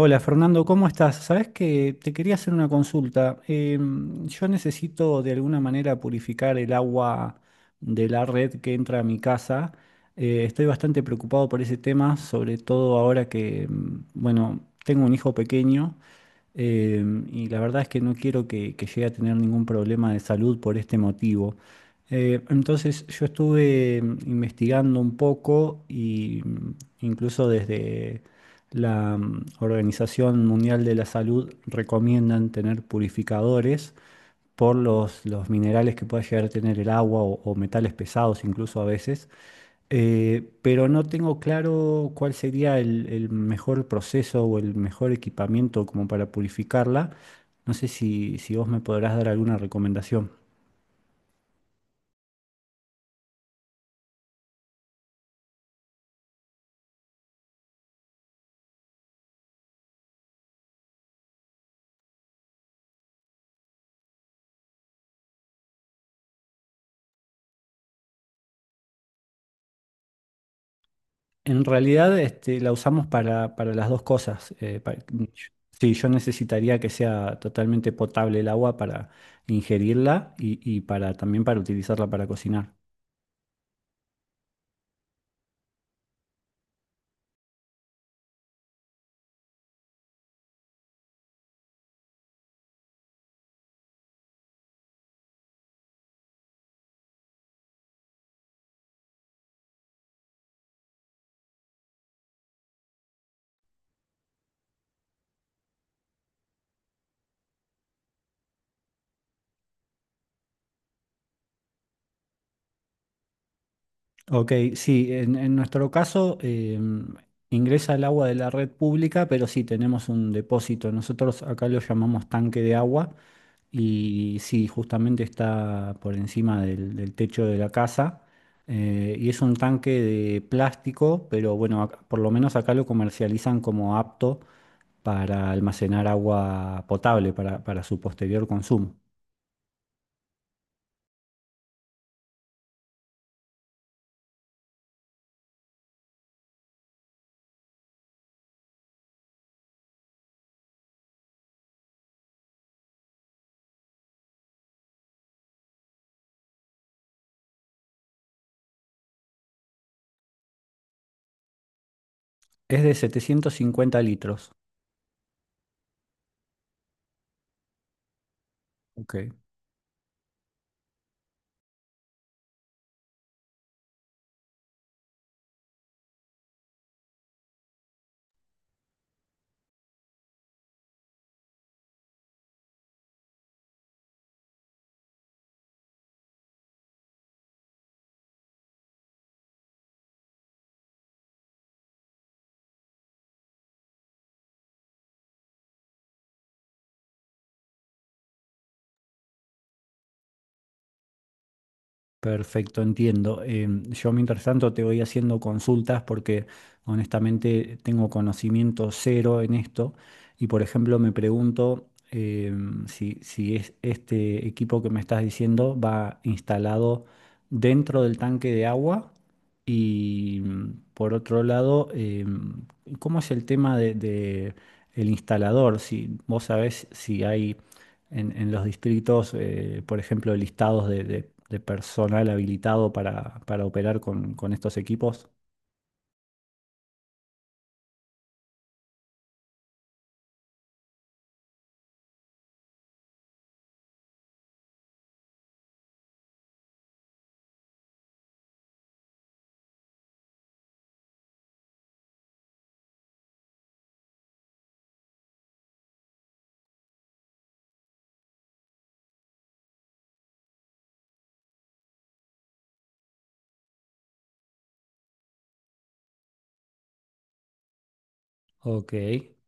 Hola Fernando, ¿cómo estás? Sabes que te quería hacer una consulta. Yo necesito de alguna manera purificar el agua de la red que entra a mi casa. Estoy bastante preocupado por ese tema, sobre todo ahora que, bueno, tengo un hijo pequeño, y la verdad es que no quiero que llegue a tener ningún problema de salud por este motivo. Entonces yo estuve investigando un poco y incluso desde la Organización Mundial de la Salud recomiendan tener purificadores por los minerales que pueda llegar a tener el agua o metales pesados incluso a veces. Pero no tengo claro cuál sería el mejor proceso o el mejor equipamiento como para purificarla. No sé si vos me podrás dar alguna recomendación. En realidad, este, la usamos para las dos cosas. Sí, yo necesitaría que sea totalmente potable el agua para ingerirla y para también para utilizarla para cocinar. Ok, sí, en nuestro caso, ingresa el agua de la red pública, pero sí tenemos un depósito. Nosotros acá lo llamamos tanque de agua. Y sí, justamente está por encima del techo de la casa. Y es un tanque de plástico, pero bueno, por lo menos acá lo comercializan como apto para almacenar agua potable para su posterior consumo. Es de 750 litros. Ok. Perfecto, entiendo. Yo mientras tanto te voy haciendo consultas porque honestamente tengo conocimiento cero en esto y por ejemplo me pregunto, si es este equipo que me estás diciendo va instalado dentro del tanque de agua y por otro lado, ¿cómo es el tema de el instalador? Si vos sabés si hay en los distritos, por ejemplo, listados de personal habilitado para operar con estos equipos. Ok,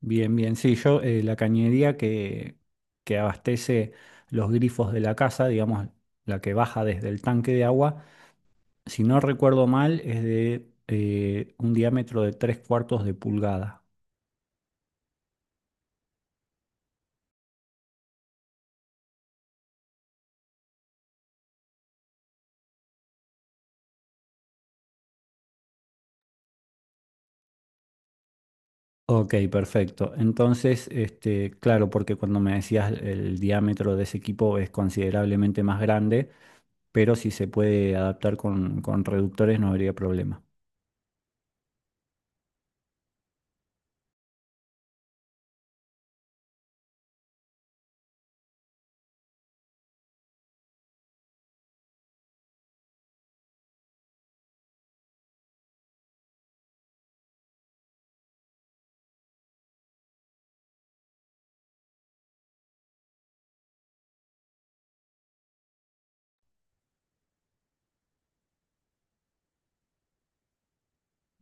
bien, bien. Sí, yo la cañería que abastece los grifos de la casa, digamos, la que baja desde el tanque de agua, si no recuerdo mal, es de un diámetro de tres cuartos de pulgada. Ok, perfecto. Entonces, este, claro, porque cuando me decías el diámetro de ese equipo es considerablemente más grande, pero si se puede adaptar con reductores no habría problema.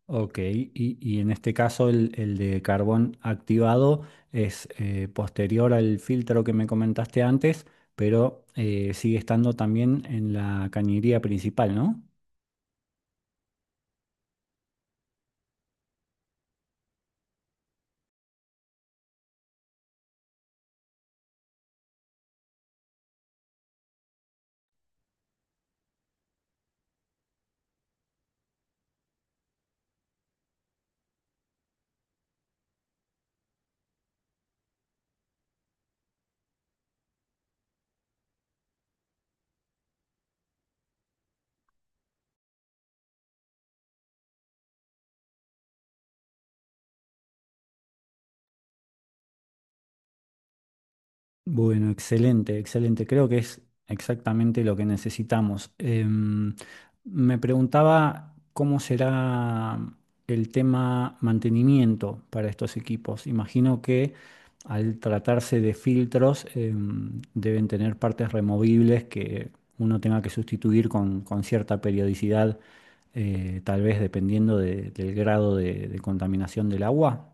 Ok, y en este caso el de carbón activado es posterior al filtro que me comentaste antes, pero sigue estando también en la cañería principal, ¿no? Bueno, excelente, excelente. Creo que es exactamente lo que necesitamos. Me preguntaba cómo será el tema mantenimiento para estos equipos. Imagino que al tratarse de filtros, deben tener partes removibles que uno tenga que sustituir con cierta periodicidad, tal vez dependiendo del grado de contaminación del agua.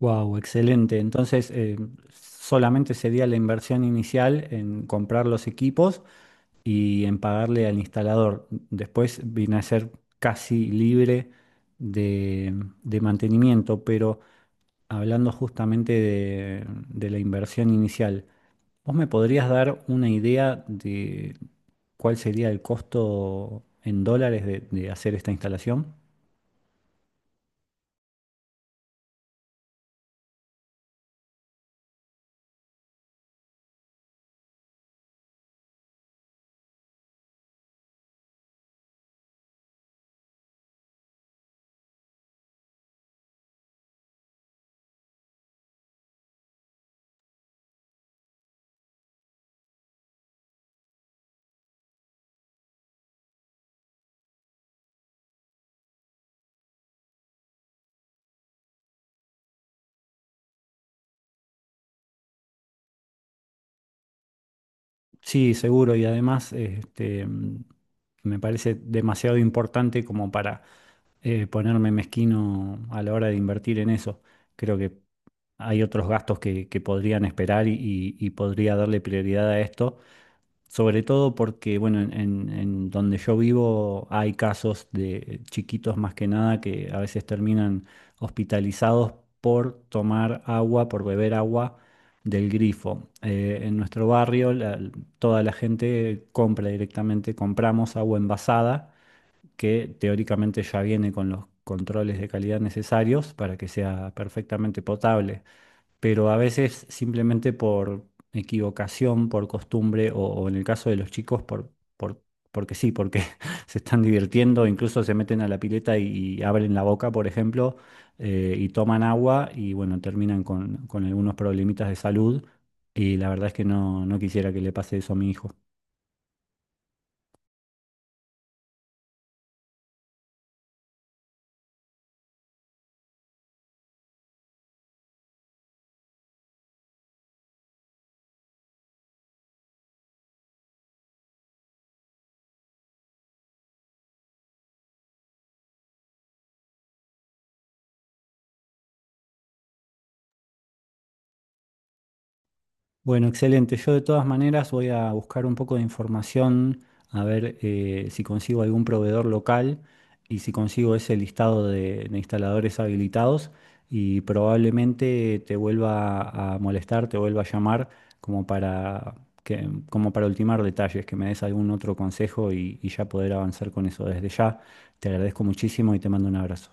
Wow, excelente. Entonces, solamente sería la inversión inicial en comprar los equipos y en pagarle al instalador. Después viene a ser casi libre de, de mantenimiento, pero hablando justamente de la inversión inicial, ¿vos me podrías dar una idea de cuál sería el costo en dólares de hacer esta instalación? Sí, seguro, y además este, me parece demasiado importante como para ponerme mezquino a la hora de invertir en eso. Creo que hay otros gastos que podrían esperar y podría darle prioridad a esto. Sobre todo porque, bueno, en donde yo vivo hay casos de chiquitos más que nada que a veces terminan hospitalizados por tomar agua, por beber agua del grifo. En nuestro barrio toda la gente compra directamente, compramos agua envasada que teóricamente ya viene con los controles de calidad necesarios para que sea perfectamente potable, pero a veces simplemente por equivocación, por costumbre, o en el caso de los chicos, porque sí, porque se están divirtiendo, incluso se meten a la pileta y abren la boca, por ejemplo, y toman agua y bueno, terminan con algunos problemitas de salud. Y la verdad es que no, no quisiera que le pase eso a mi hijo. Bueno, excelente. Yo de todas maneras voy a buscar un poco de información, a ver si consigo algún proveedor local y si consigo ese listado de instaladores habilitados y probablemente te vuelva a molestar, te vuelva a llamar como para que, como para ultimar detalles, que me des algún otro consejo y ya poder avanzar con eso. Desde ya te agradezco muchísimo y te mando un abrazo.